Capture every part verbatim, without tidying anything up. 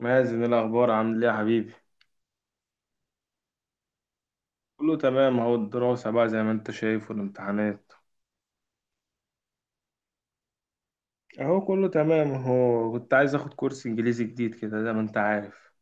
مازن، إيه الأخبار؟ عامل إيه يا حبيبي؟ كله تمام أهو. الدراسة بقى زي ما أنت شايف، والامتحانات أهو. كله تمام أهو. كنت عايز آخد كورس إنجليزي جديد كده، زي ما أنت عارف.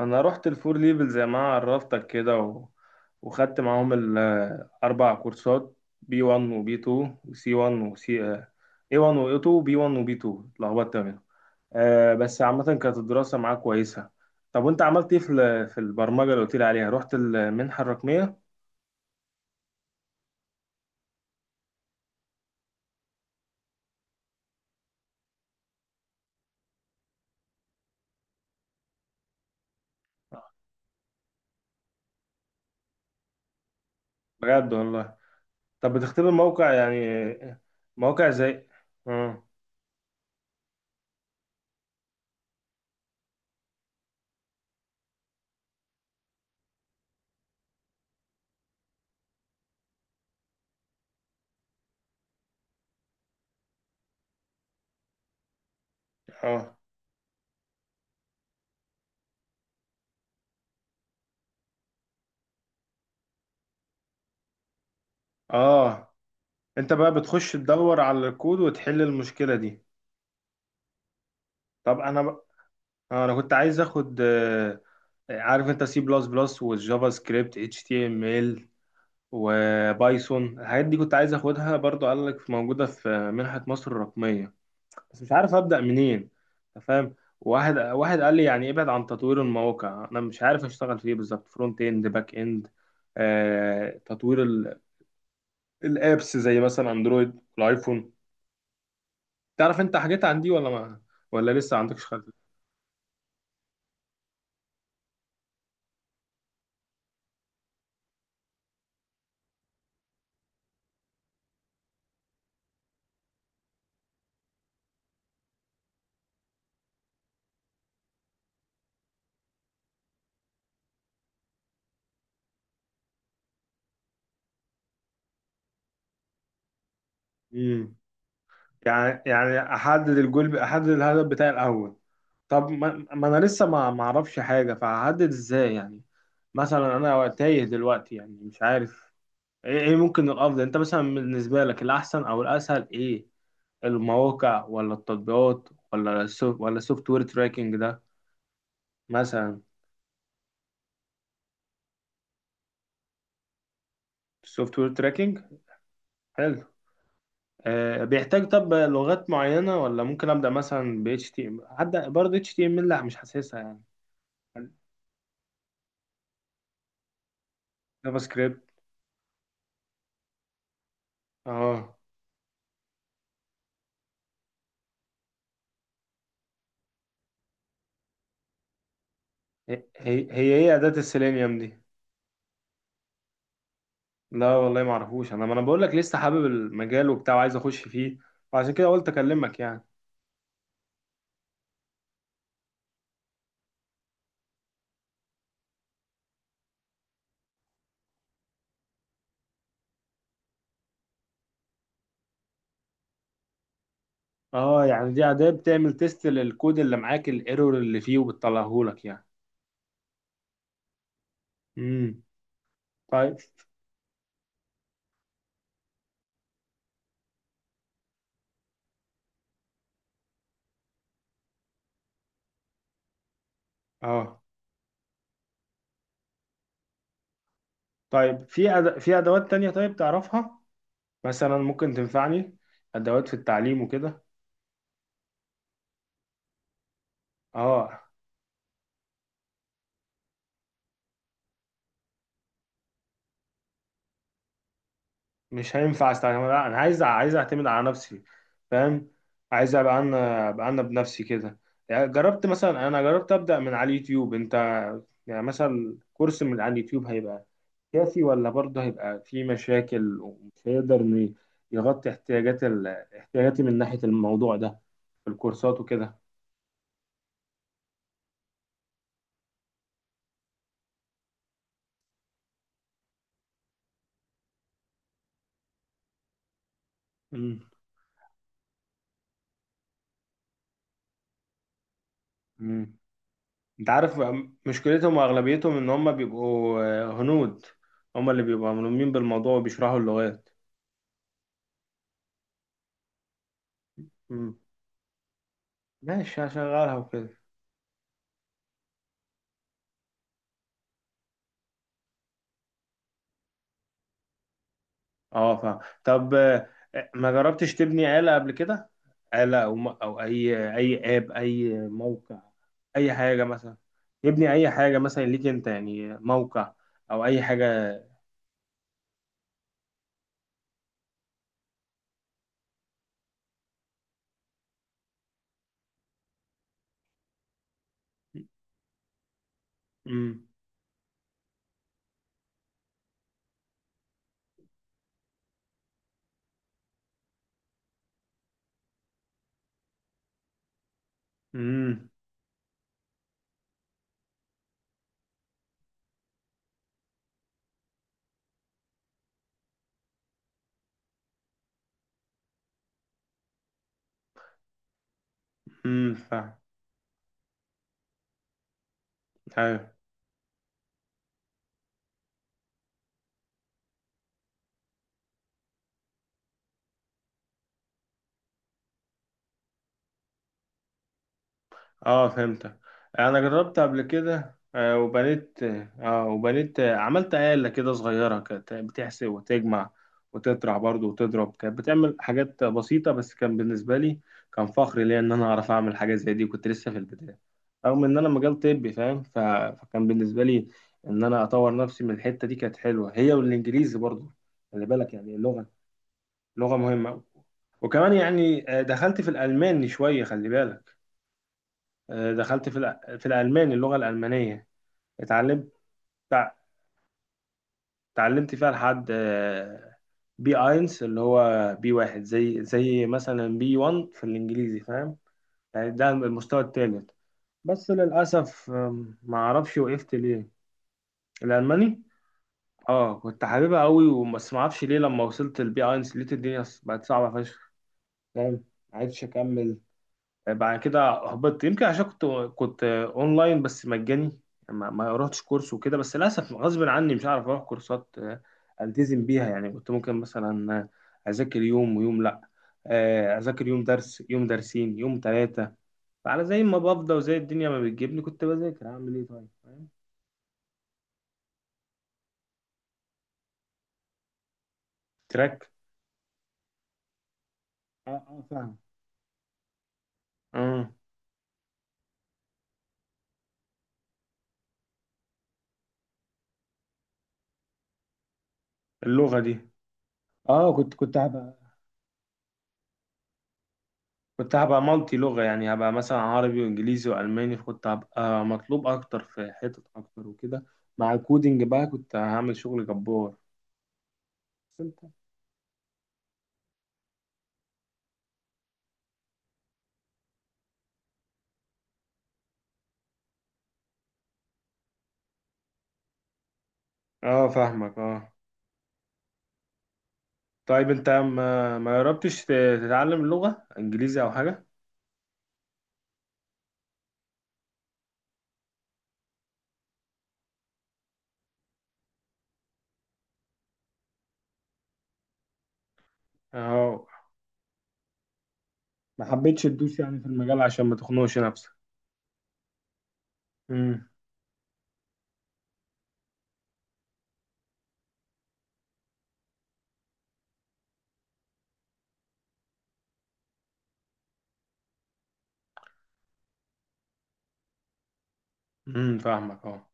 أنا رحت الفور ليفل زي ما عرفتك كده و... وخدت معاهم الأربع كورسات: بي واحد وبي اتنين وسي واحد وسي اي واحد واي اتنين بي واحد وبي اتنين. اتلخبطت منهم. آه بس عامة كانت الدراسة معاك كويسة. طب وأنت عملت إيه في ال- في البرمجة اللي قلت لي عليها؟ رحت المنحة الرقمية؟ بجد والله. طب بتختبر موقع يعني، موقع زي؟ اه. اه. اه. انت بقى بتخش تدور على الكود وتحل المشكلة دي؟ طب انا بقى، آه انا كنت عايز اخد، آه، عارف انت سي بلس بلس والجافا سكريبت اتش تي ام ال وبايثون، الحاجات دي كنت عايز اخدها برضو. قال لك موجودة في منحة مصر الرقمية، بس مش عارف ابدا منين. أنت فاهم؟ واحد واحد قال لي يعني ابعد عن تطوير المواقع. انا مش عارف اشتغل فيه بالظبط، فرونت اند باك اند. آه، تطوير ال- الابس زي مثلا اندرويد والايفون. تعرف انت حاجات عن دي ولا ما، ولا لسه عندكش خلفيه؟ امم. يعني يعني احدد الجول، احدد الهدف بتاعي الاول. طب ما, ما انا لسه ما ما اعرفش حاجه، فهحدد ازاي يعني؟ مثلا انا تايه دلوقتي، يعني مش عارف ايه إيه ممكن الافضل. انت مثلا بالنسبه لك الاحسن او الاسهل ايه؟ المواقع ولا التطبيقات ولا السوفت، ولا السوفت وير تراكنج ده مثلا؟ السوفت وير تراكنج. حلو. أه بيحتاج طب لغات معينه ولا ممكن ابدا مثلا ب اتش تي ام؟ هبدا برضه اتش تي ام، لا مش حاسسها يعني. جافا سكريبت. اه. هي هي هي ايه اداه السيلينيوم دي؟ لا والله ما اعرفوش، انا ما انا بقول لك لسه حابب المجال وبتاع وعايز اخش فيه، وعشان كده قلت اكلمك يعني. اه، يعني دي اداة بتعمل تيست للكود اللي معاك، الايرور اللي فيه وبتطلعه لك يعني. امم. طيب. اه طيب، في أد... في ادوات تانية طيب تعرفها مثلا ممكن تنفعني؟ ادوات في التعليم وكده. اه مش هينفع استعمل، لا انا عايز، عايز اعتمد على نفسي فاهم. عايز ابقى انا، ابقى انا بنفسي كده يعني. جربت مثلا، انا جربت ابدا من على اليوتيوب انت. يعني مثلا كورس من على اليوتيوب هيبقى سياسي، ولا برضه هيبقى في مشاكل ومش هيقدر إنه يغطي احتياجات ال... احتياجاتي من ناحية الموضوع ده، في الكورسات وكده. مم. مم. انت عارف مشكلتهم واغلبيتهم ان هم بيبقوا آه، هنود. هم اللي بيبقوا ملمين بالموضوع وبيشرحوا اللغات. مم. ماشي هشغلها وكده. اه فاهم. طب آه، ما جربتش تبني آلة قبل كده؟ آلة أو م- أو أي أي آب أي موقع، أي حاجة مثلا، يبني أي حاجة مثلا ليك أنت، يعني موقع أو أي حاجة. امم. امم. امم. فاهم. أيوة. اه فهمتك. انا جربت قبل كده آه، وبنيت. اه وبنيت، آه، عملت آلة كده صغيرة، كانت بتحسب وتجمع وتطرح برضه وتضرب. كانت بتعمل حاجات بسيطة، بس كان بالنسبة لي كان فخر ليا ان انا اعرف اعمل حاجة زي دي. كنت لسه في البداية، رغم ان انا مجال طبي فاهم، ف... فكان بالنسبة لي ان انا اطور نفسي من الحتة دي كانت حلوة، هي والانجليزي برضه. خلي بالك يعني، اللغة لغة مهمة. وكمان يعني، آه، دخلت في الألماني شوية خلي بالك. آه، دخلت في الأ- في الألماني، اللغة الألمانية. اتعلمت. تع- اتعلمت فيها لحد آه، بي اينس، اللي هو بي واحد، زي زي مثلا بي واحد في الإنجليزي فاهم، يعني ده المستوى الثالث. بس للأسف آم، ما أعرفش وقفت ليه. الألماني، اه كنت حاببها قوي، بس ما اعرفش ليه لما وصلت البي اينس لقيت الدنيا بقت صعبة فشخ. فاهم، ما عرفتش أكمل. بعد كده هبطت، يمكن عشان كنت كنت اونلاين بس مجاني. ما, ما رحتش كورس وكده. بس للاسف غصب عني مش هعرف اروح كورسات، آه، التزم بيها يعني. كنت ممكن مثلا اذاكر يوم ويوم لا، آه، اذاكر يوم درس، يوم درسين، يوم ثلاثه. فعلى زي ما بفضى وزي الدنيا ما بتجيبني كنت بذاكر. اعمل ايه طيب فاهم؟ تراك. اه. اه فاهم. اه. اللغه دي. اه كنت كنت هبقى كنت هبقى مالتي لغة يعني، هبقى مثلا عربي وإنجليزي وألماني، كنت هبقى مطلوب أكتر في حتت أكتر وكده. مع الكودينج بقى كنت هعمل شغل جبار. بس أنت. أه فاهمك أه. طيب أنت ما ما جربتش ت- تتعلم لغة إنجليزي أو حاجة؟ أه. ما حبيتش تدوس يعني في المجال عشان ما تخنقش نفسك. امم. امم فاهمك أه.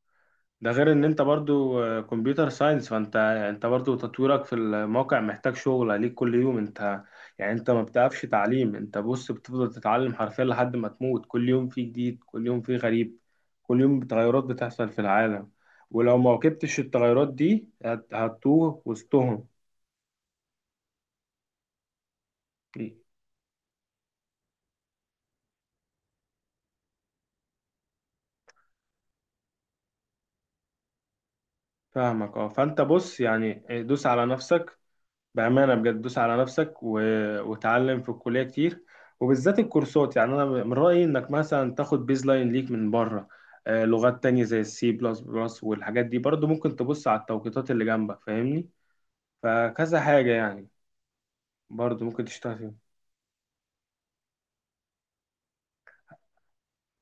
ده غير ان انت برضو كمبيوتر ساينس، فانت انت برضو تطويرك في الموقع محتاج شغل عليك كل يوم انت. يعني انت ما بتقفش تعليم، انت بص بتفضل تتعلم حرفيا لحد ما تموت. كل يوم فيه جديد، كل يوم فيه غريب، كل يوم تغيرات بتحصل في العالم. ولو ما واكبتش التغيرات دي هت- هتتوه وسطهم. فاهمك اه. فانت بص يعني دوس على نفسك، بأمانة بجد دوس على نفسك و... وتعلم في الكلية كتير. وبالذات الكورسات يعني، أنا من رأيي إنك مثلا تاخد بيز لاين ليك من بره، آه، لغات تانية زي السي بلس بلس والحاجات دي برضو. ممكن تبص على التوقيتات اللي جنبك فاهمني، فكذا حاجة يعني برضو ممكن تشتغل فيهم.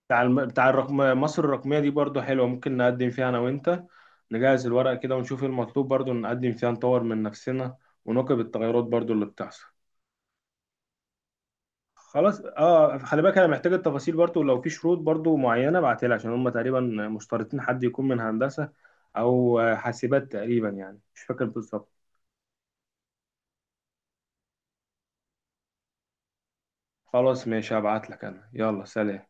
بتاع الم... بتاع الرقم... مصر الرقمية دي برضو حلوة، ممكن نقدم فيها أنا وأنت. نجهز الورق كده ونشوف إيه المطلوب، برضو نقدم فيها نطور من نفسنا ونواكب التغيرات برضو اللي بتحصل. خلاص اه. خلي بالك انا محتاج التفاصيل برضو، لو في شروط برضو معينه ابعتها لي، عشان هم تقريبا مشترطين حد يكون من هندسه او حاسبات تقريبا، يعني مش فاكر بالظبط. خلاص ماشي، هبعت لك انا. يلا سلام.